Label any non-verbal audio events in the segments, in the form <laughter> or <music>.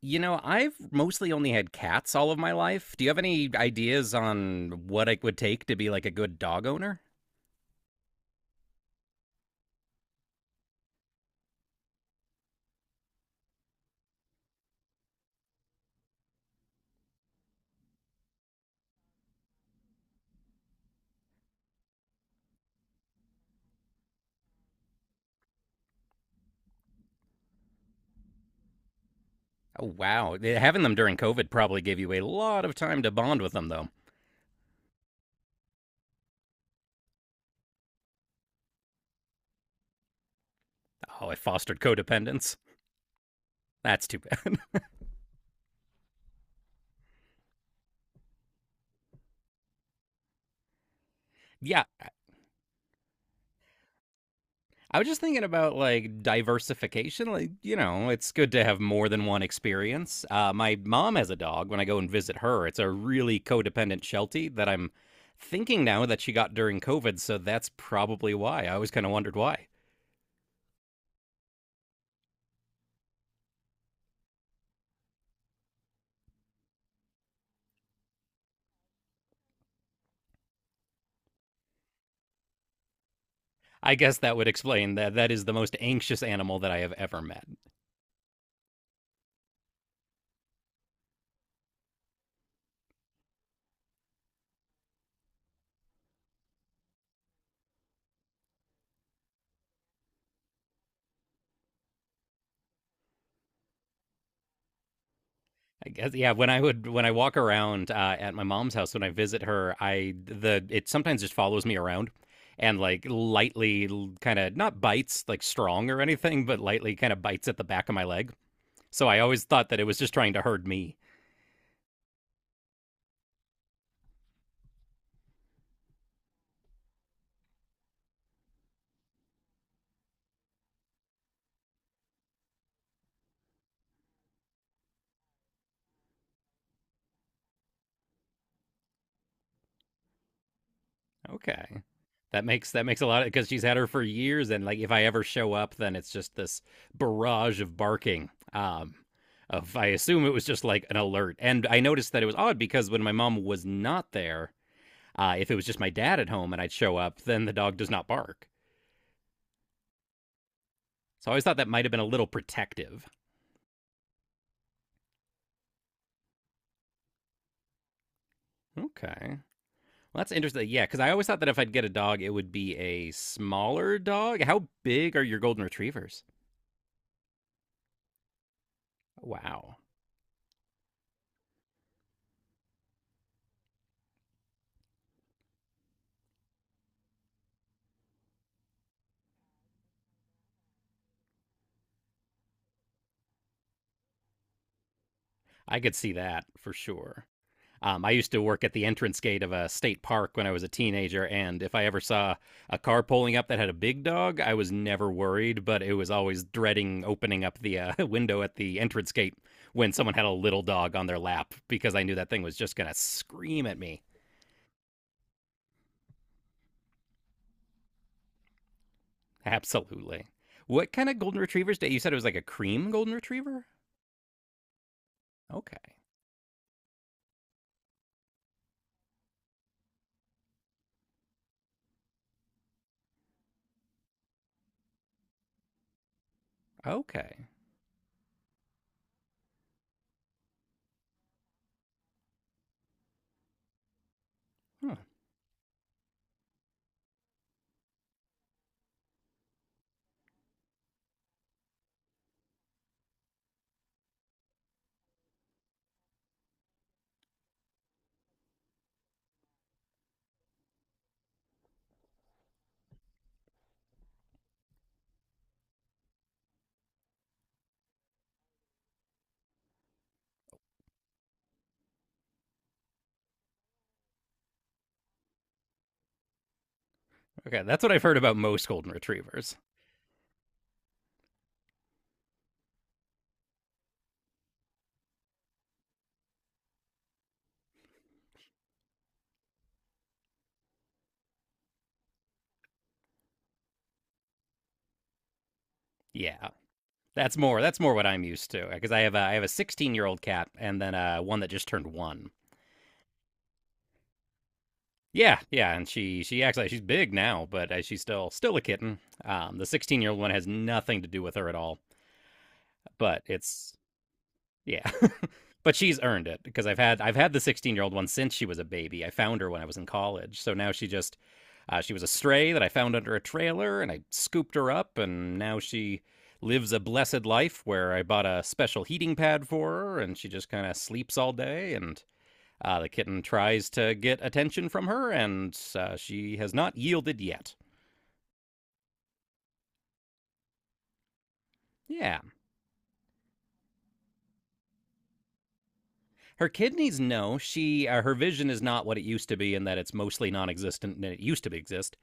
You know, I've mostly only had cats all of my life. Do you have any ideas on what it would take to be like a good dog owner? Oh, wow. Having them during COVID probably gave you a lot of time to bond with them, though. Oh, it fostered codependence. That's too bad. <laughs> Yeah, I was just thinking about like diversification. Like, you know, it's good to have more than one experience. My mom has a dog. When I go and visit her, it's a really codependent Sheltie that I'm thinking now that she got during COVID. So that's probably why. I always kind of wondered why. I guess that would explain that is the most anxious animal that I have ever met. I guess yeah. When I walk around at my mom's house when I visit her, I the it sometimes just follows me around and like lightly kind of not bites like strong or anything, but lightly kind of bites at the back of my leg. So I always thought that it was just trying to herd me. Okay, that makes a lot of, because she's had her for years, and like if I ever show up, then it's just this barrage of barking. Of I assume it was just like an alert, and I noticed that it was odd because when my mom was not there, if it was just my dad at home and I'd show up, then the dog does not bark. So I always thought that might have been a little protective. Okay. Well, that's interesting. Yeah, because I always thought that if I'd get a dog, it would be a smaller dog. How big are your golden retrievers? Wow. I could see that for sure. I used to work at the entrance gate of a state park when I was a teenager, and if I ever saw a car pulling up that had a big dog, I was never worried, but it was always dreading opening up the <laughs> window at the entrance gate when someone had a little dog on their lap because I knew that thing was just going to scream at me. Absolutely. What kind of golden retrievers? Did, you said it was like a cream golden retriever? Okay. Okay. Huh. Okay. That's what I've heard about most golden retrievers. Yeah. That's more. That's more what I'm used to because I have a 16-year-old cat and then one that just turned one. Yeah, yeah, and she acts like she's big now, but she's still a kitten. The 16-year-old one has nothing to do with her at all, but it's yeah. <laughs> But she's earned it because I've had the 16-year-old one since she was a baby. I found her when I was in college. So now she just she was a stray that I found under a trailer and I scooped her up and now she lives a blessed life where I bought a special heating pad for her and she just kind of sleeps all day and the kitten tries to get attention from her and she has not yielded yet. Yeah. Her kidneys know she her vision is not what it used to be in that it's mostly non-existent and it used to exist.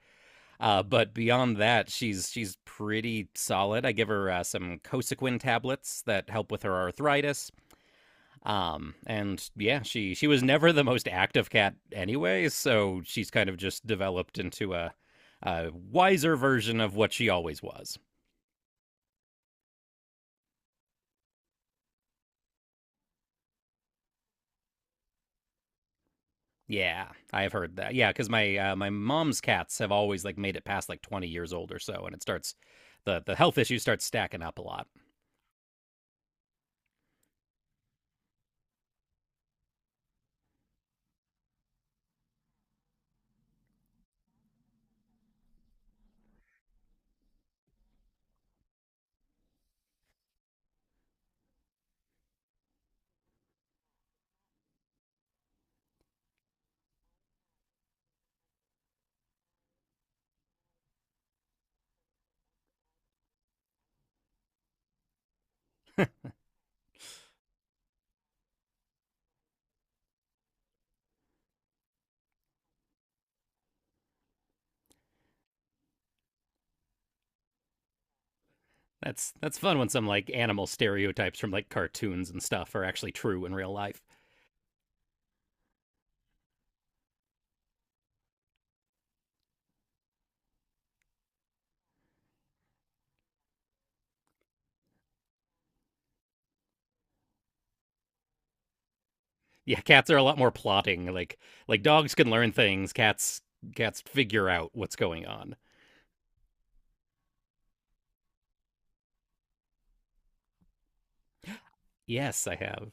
But beyond that, she's pretty solid. I give her some Cosequin tablets that help with her arthritis. And yeah, she was never the most active cat anyway, so she's kind of just developed into a wiser version of what she always was. Yeah, I've heard that. Yeah, because my my mom's cats have always like made it past like 20 years old or so, and it starts the health issues start stacking up a lot. That's fun when some like animal stereotypes from like cartoons and stuff are actually true in real life. Yeah, cats are a lot more plotting. Like dogs can learn things, cats figure out what's going on. Yes, I have.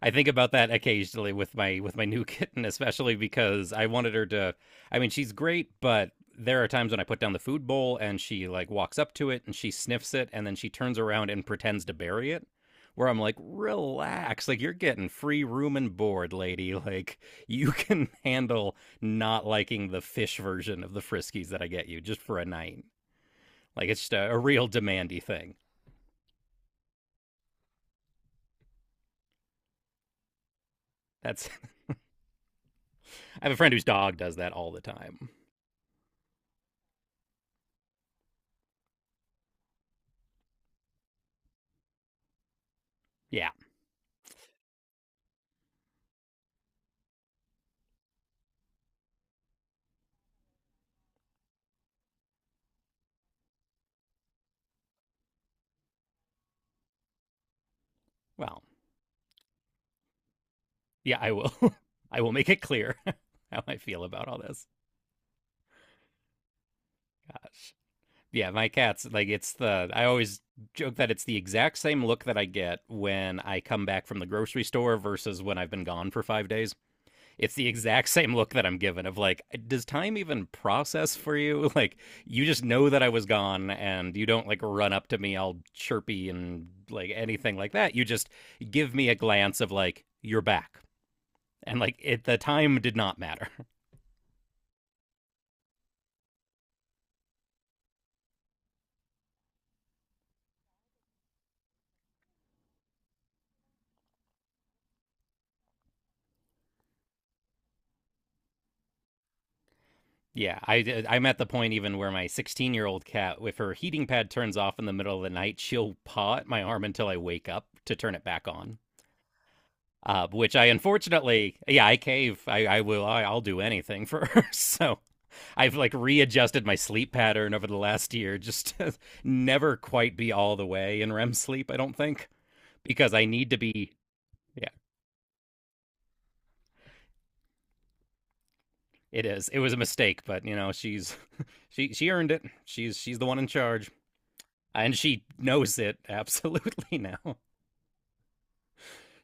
I think about that occasionally with my new <laughs> kitten, especially because I wanted her to. I mean, she's great, but there are times when I put down the food bowl and she like walks up to it and she sniffs it and then she turns around and pretends to bury it. Where I'm like, relax, like you're getting free room and board, lady. <laughs> Like you can handle not liking the fish version of the Friskies that I get you just for a night. Like it's just a real demandy thing. That's <laughs> I have a friend whose dog does that all the time. Yeah. Well, yeah, I will. <laughs> I will make it clear. <laughs> How I feel about all this. Gosh. Yeah, my cats, like, it's the, I always joke that it's the exact same look that I get when I come back from the grocery store versus when I've been gone for 5 days. It's the exact <laughs> same look that I'm given of, like, does time even process for you? <laughs> Like, you just know that I was gone and you don't, like, run up to me all chirpy and, like, anything like that. You just give me a glance of, like, you're back. And, like, it, the time did not matter. Yeah, I I'm at the point even where my 16-year-old cat, if her heating pad turns off in the middle of the night, she'll paw at my arm until I wake up to turn it back on. Which I unfortunately, yeah, I cave. I will. I'll do anything for her. <laughs> So I've like readjusted my sleep pattern over the last year, just to <laughs> never quite be all the way in REM sleep. I don't think because I need to be. Yeah, it is. It was a mistake, but you know, she's <laughs> she earned it. She's the one in charge. And she knows it <laughs> absolutely now.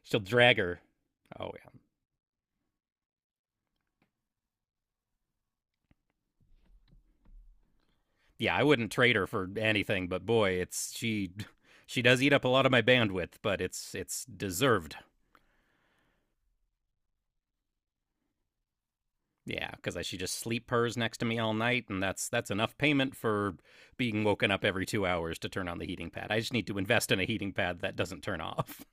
She'll drag her. Oh yeah. Yeah, I wouldn't trade her for anything, but boy, it's she does eat up a lot of my bandwidth, but it's deserved. Yeah, cuz she just sleep purrs next to me all night and that's enough payment for being woken up every 2 hours to turn on the heating pad. I just need to invest in a heating pad that doesn't turn off.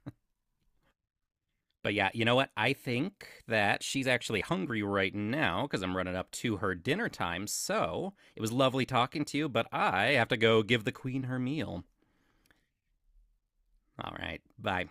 But yeah, you know what? I think that she's actually hungry right now because I'm running up to her dinner time. So it was lovely talking to you, but I have to go give the queen her meal. All right. Bye.